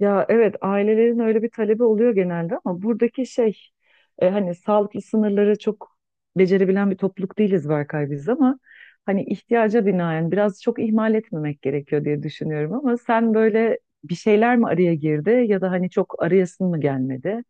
Ya evet ailelerin öyle bir talebi oluyor genelde ama buradaki şey hani sağlıklı sınırları çok becerebilen bir topluluk değiliz Berkay biz ama hani ihtiyaca binaen biraz çok ihmal etmemek gerekiyor diye düşünüyorum ama sen böyle bir şeyler mi araya girdi ya da hani çok arayasın mı gelmedi?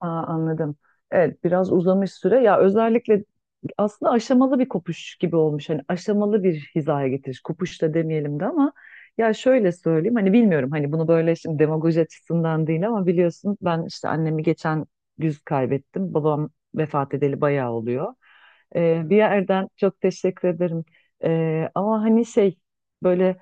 Aa, anladım. Evet biraz uzamış süre ya, özellikle aslında aşamalı bir kopuş gibi olmuş. Hani aşamalı bir hizaya getiriş. Kopuş da demeyelim de, ama ya şöyle söyleyeyim. Hani bilmiyorum, hani bunu böyle şimdi demagoji açısından değil ama biliyorsun, ben işte annemi geçen güz kaybettim. Babam vefat edeli bayağı oluyor. Bir yerden çok teşekkür ederim. Ama hani şey, böyle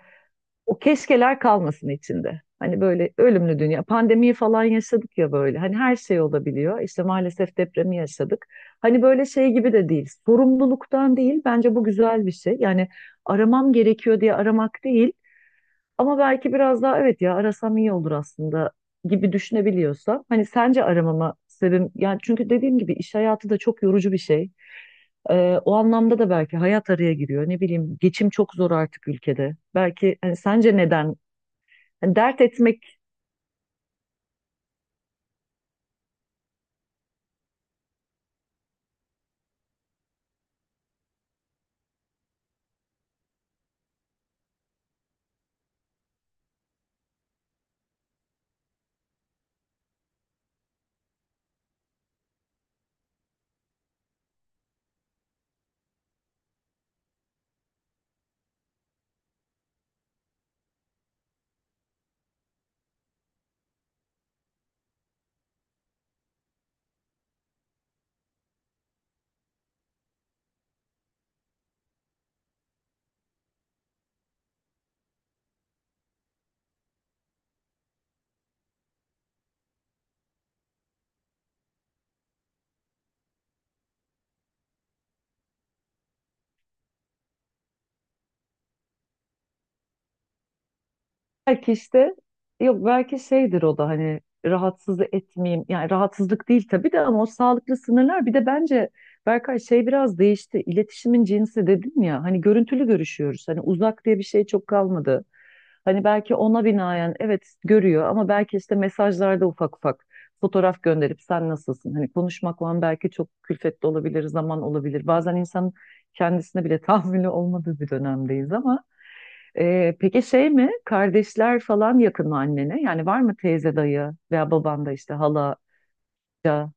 o keşkeler kalmasın içinde. Hani böyle ölümlü dünya. Pandemiyi falan yaşadık ya böyle. Hani her şey olabiliyor. İşte maalesef depremi yaşadık. Hani böyle şey gibi de değil. Sorumluluktan değil. Bence bu güzel bir şey. Yani aramam gerekiyor diye aramak değil. Ama belki biraz daha, evet ya, arasam iyi olur aslında gibi düşünebiliyorsa. Hani sence aramama sebebim yani, çünkü dediğim gibi iş hayatı da çok yorucu bir şey. O anlamda da belki hayat araya giriyor. Ne bileyim, geçim çok zor artık ülkede. Belki hani sence neden, hani dert etmek, belki işte, yok, belki şeydir, o da hani rahatsız etmeyeyim. Yani rahatsızlık değil tabii de, ama o sağlıklı sınırlar bir de bence Berkay şey biraz değişti. İletişimin cinsi dedim ya, hani görüntülü görüşüyoruz. Hani uzak diye bir şey çok kalmadı. Hani belki ona binaen evet görüyor, ama belki işte mesajlarda ufak ufak fotoğraf gönderip sen nasılsın? Hani konuşmakla belki çok külfetli olabilir, zaman olabilir. Bazen insan kendisine bile tahammülü olmadığı bir dönemdeyiz ama peki şey mi? Kardeşler falan yakın mı annene? Yani var mı teyze dayı veya baban da işte hala ya?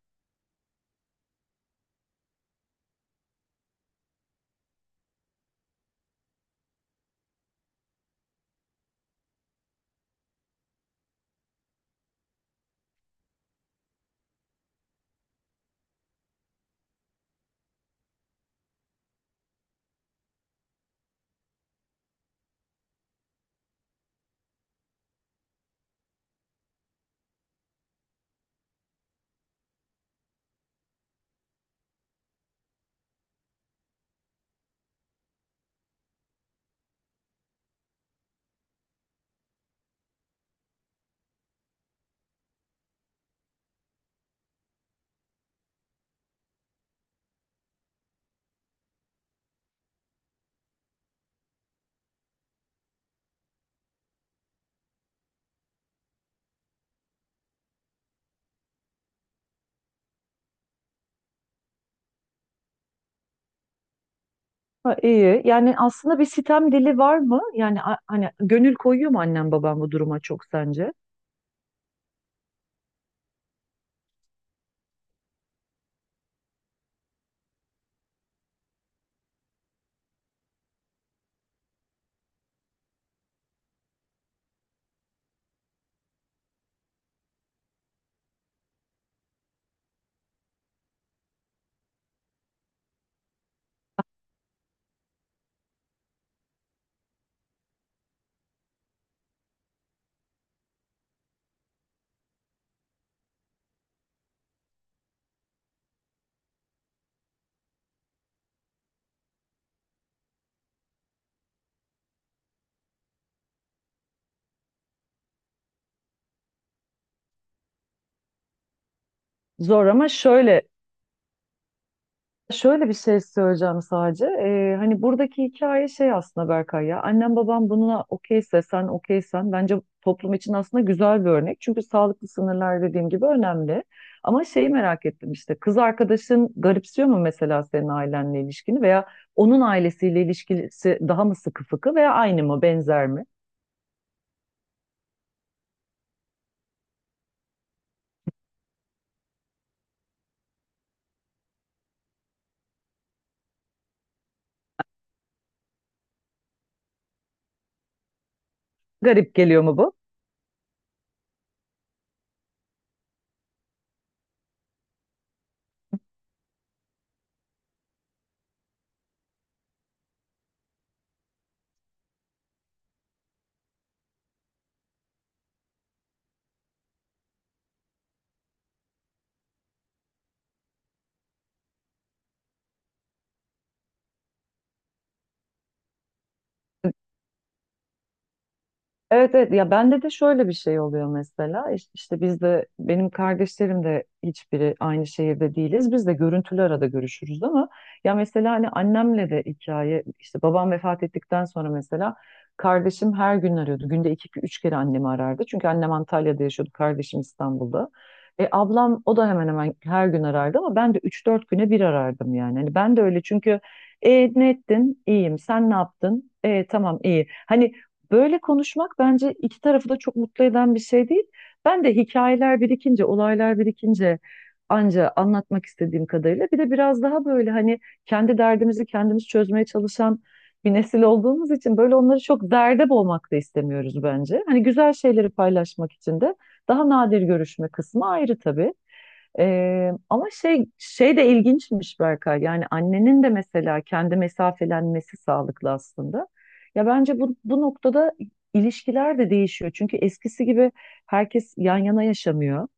Ha, iyi. Yani aslında bir sitem dili var mı? Yani hani gönül koyuyor mu annem babam bu duruma çok sence? Zor ama şöyle bir şey söyleyeceğim sadece. Hani buradaki hikaye şey aslında Berkay ya. Annem babam buna okeyse sen okeysen bence toplum için aslında güzel bir örnek. Çünkü sağlıklı sınırlar dediğim gibi önemli. Ama şeyi merak ettim, işte kız arkadaşın garipsiyor mu mesela senin ailenle ilişkini veya onun ailesiyle ilişkisi daha mı sıkı fıkı veya aynı mı benzer mi? Garip geliyor mu? Evet, evet, ya bende de şöyle bir şey oluyor mesela. İş- işte biz de, benim kardeşlerim de hiçbiri aynı şehirde değiliz, biz de görüntülü arada görüşürüz ama ya mesela hani annemle de hikaye işte, babam vefat ettikten sonra mesela kardeşim her gün arıyordu, günde 2-3 kere annemi arardı çünkü annem Antalya'da yaşıyordu, kardeşim İstanbul'da. Ablam o da hemen hemen her gün arardı ama ben de 3-4 güne bir arardım yani, hani ben de öyle çünkü ne ettin? İyiyim. Sen ne yaptın? Tamam iyi. Hani böyle konuşmak bence iki tarafı da çok mutlu eden bir şey değil. Ben de hikayeler birikince, olaylar birikince anca anlatmak istediğim kadarıyla, bir de biraz daha böyle hani kendi derdimizi kendimiz çözmeye çalışan bir nesil olduğumuz için böyle onları çok derde boğmak da istemiyoruz bence. Hani güzel şeyleri paylaşmak için de daha nadir görüşme kısmı ayrı tabii. Ama şey de ilginçmiş Berkay. Yani annenin de mesela kendi mesafelenmesi sağlıklı aslında. Ya bence bu noktada ilişkiler de değişiyor. Çünkü eskisi gibi herkes yan yana yaşamıyor.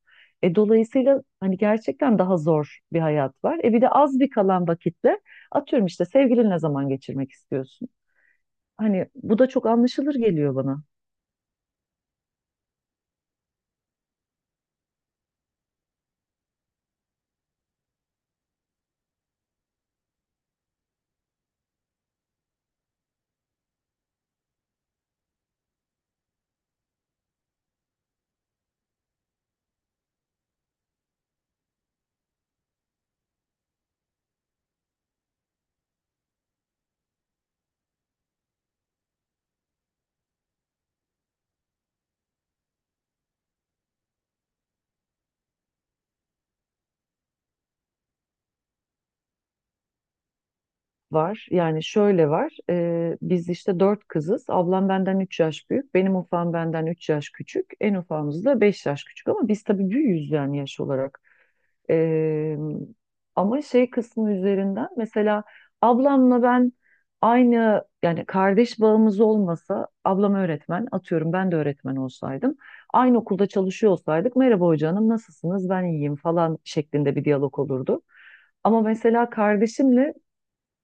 Dolayısıyla hani gerçekten daha zor bir hayat var. Bir de az bir kalan vakitte atıyorum işte sevgilinle zaman geçirmek istiyorsun. Hani bu da çok anlaşılır geliyor bana. Var. Yani şöyle var. Biz işte dört kızız. Ablam benden 3 yaş büyük. Benim ufağım benden 3 yaş küçük. En ufağımız da 5 yaş küçük. Ama biz tabii büyüğüz yani yaş olarak. E, Ama şey kısmı üzerinden mesela ablamla ben aynı, yani kardeş bağımız olmasa ablam öğretmen, atıyorum ben de öğretmen olsaydım, aynı okulda çalışıyor olsaydık, merhaba hoca hanım nasılsınız ben iyiyim falan şeklinde bir diyalog olurdu. Ama mesela kardeşimle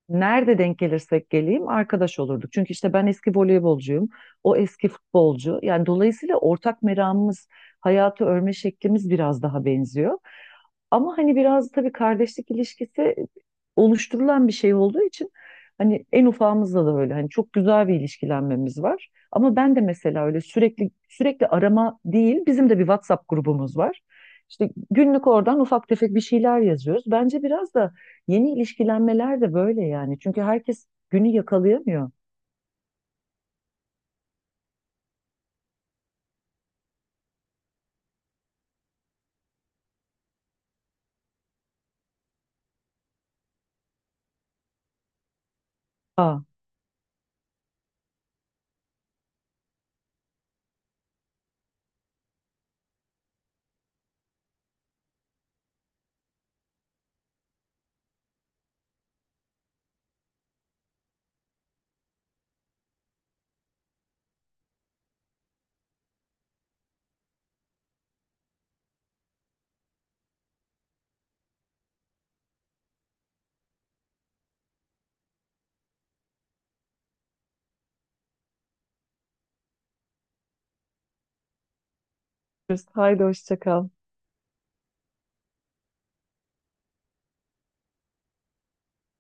nerede denk gelirsek geleyim arkadaş olurduk. Çünkü işte ben eski voleybolcuyum, o eski futbolcu. Yani dolayısıyla ortak meramımız, hayatı örme şeklimiz biraz daha benziyor. Ama hani biraz tabii kardeşlik ilişkisi oluşturulan bir şey olduğu için hani en ufağımızla da öyle, hani çok güzel bir ilişkilenmemiz var. Ama ben de mesela öyle sürekli sürekli arama değil, bizim de bir WhatsApp grubumuz var. İşte günlük oradan ufak tefek bir şeyler yazıyoruz. Bence biraz da yeni ilişkilenmeler de böyle yani. Çünkü herkes günü yakalayamıyor. Aa, görüşürüz. Haydi hoşça kal.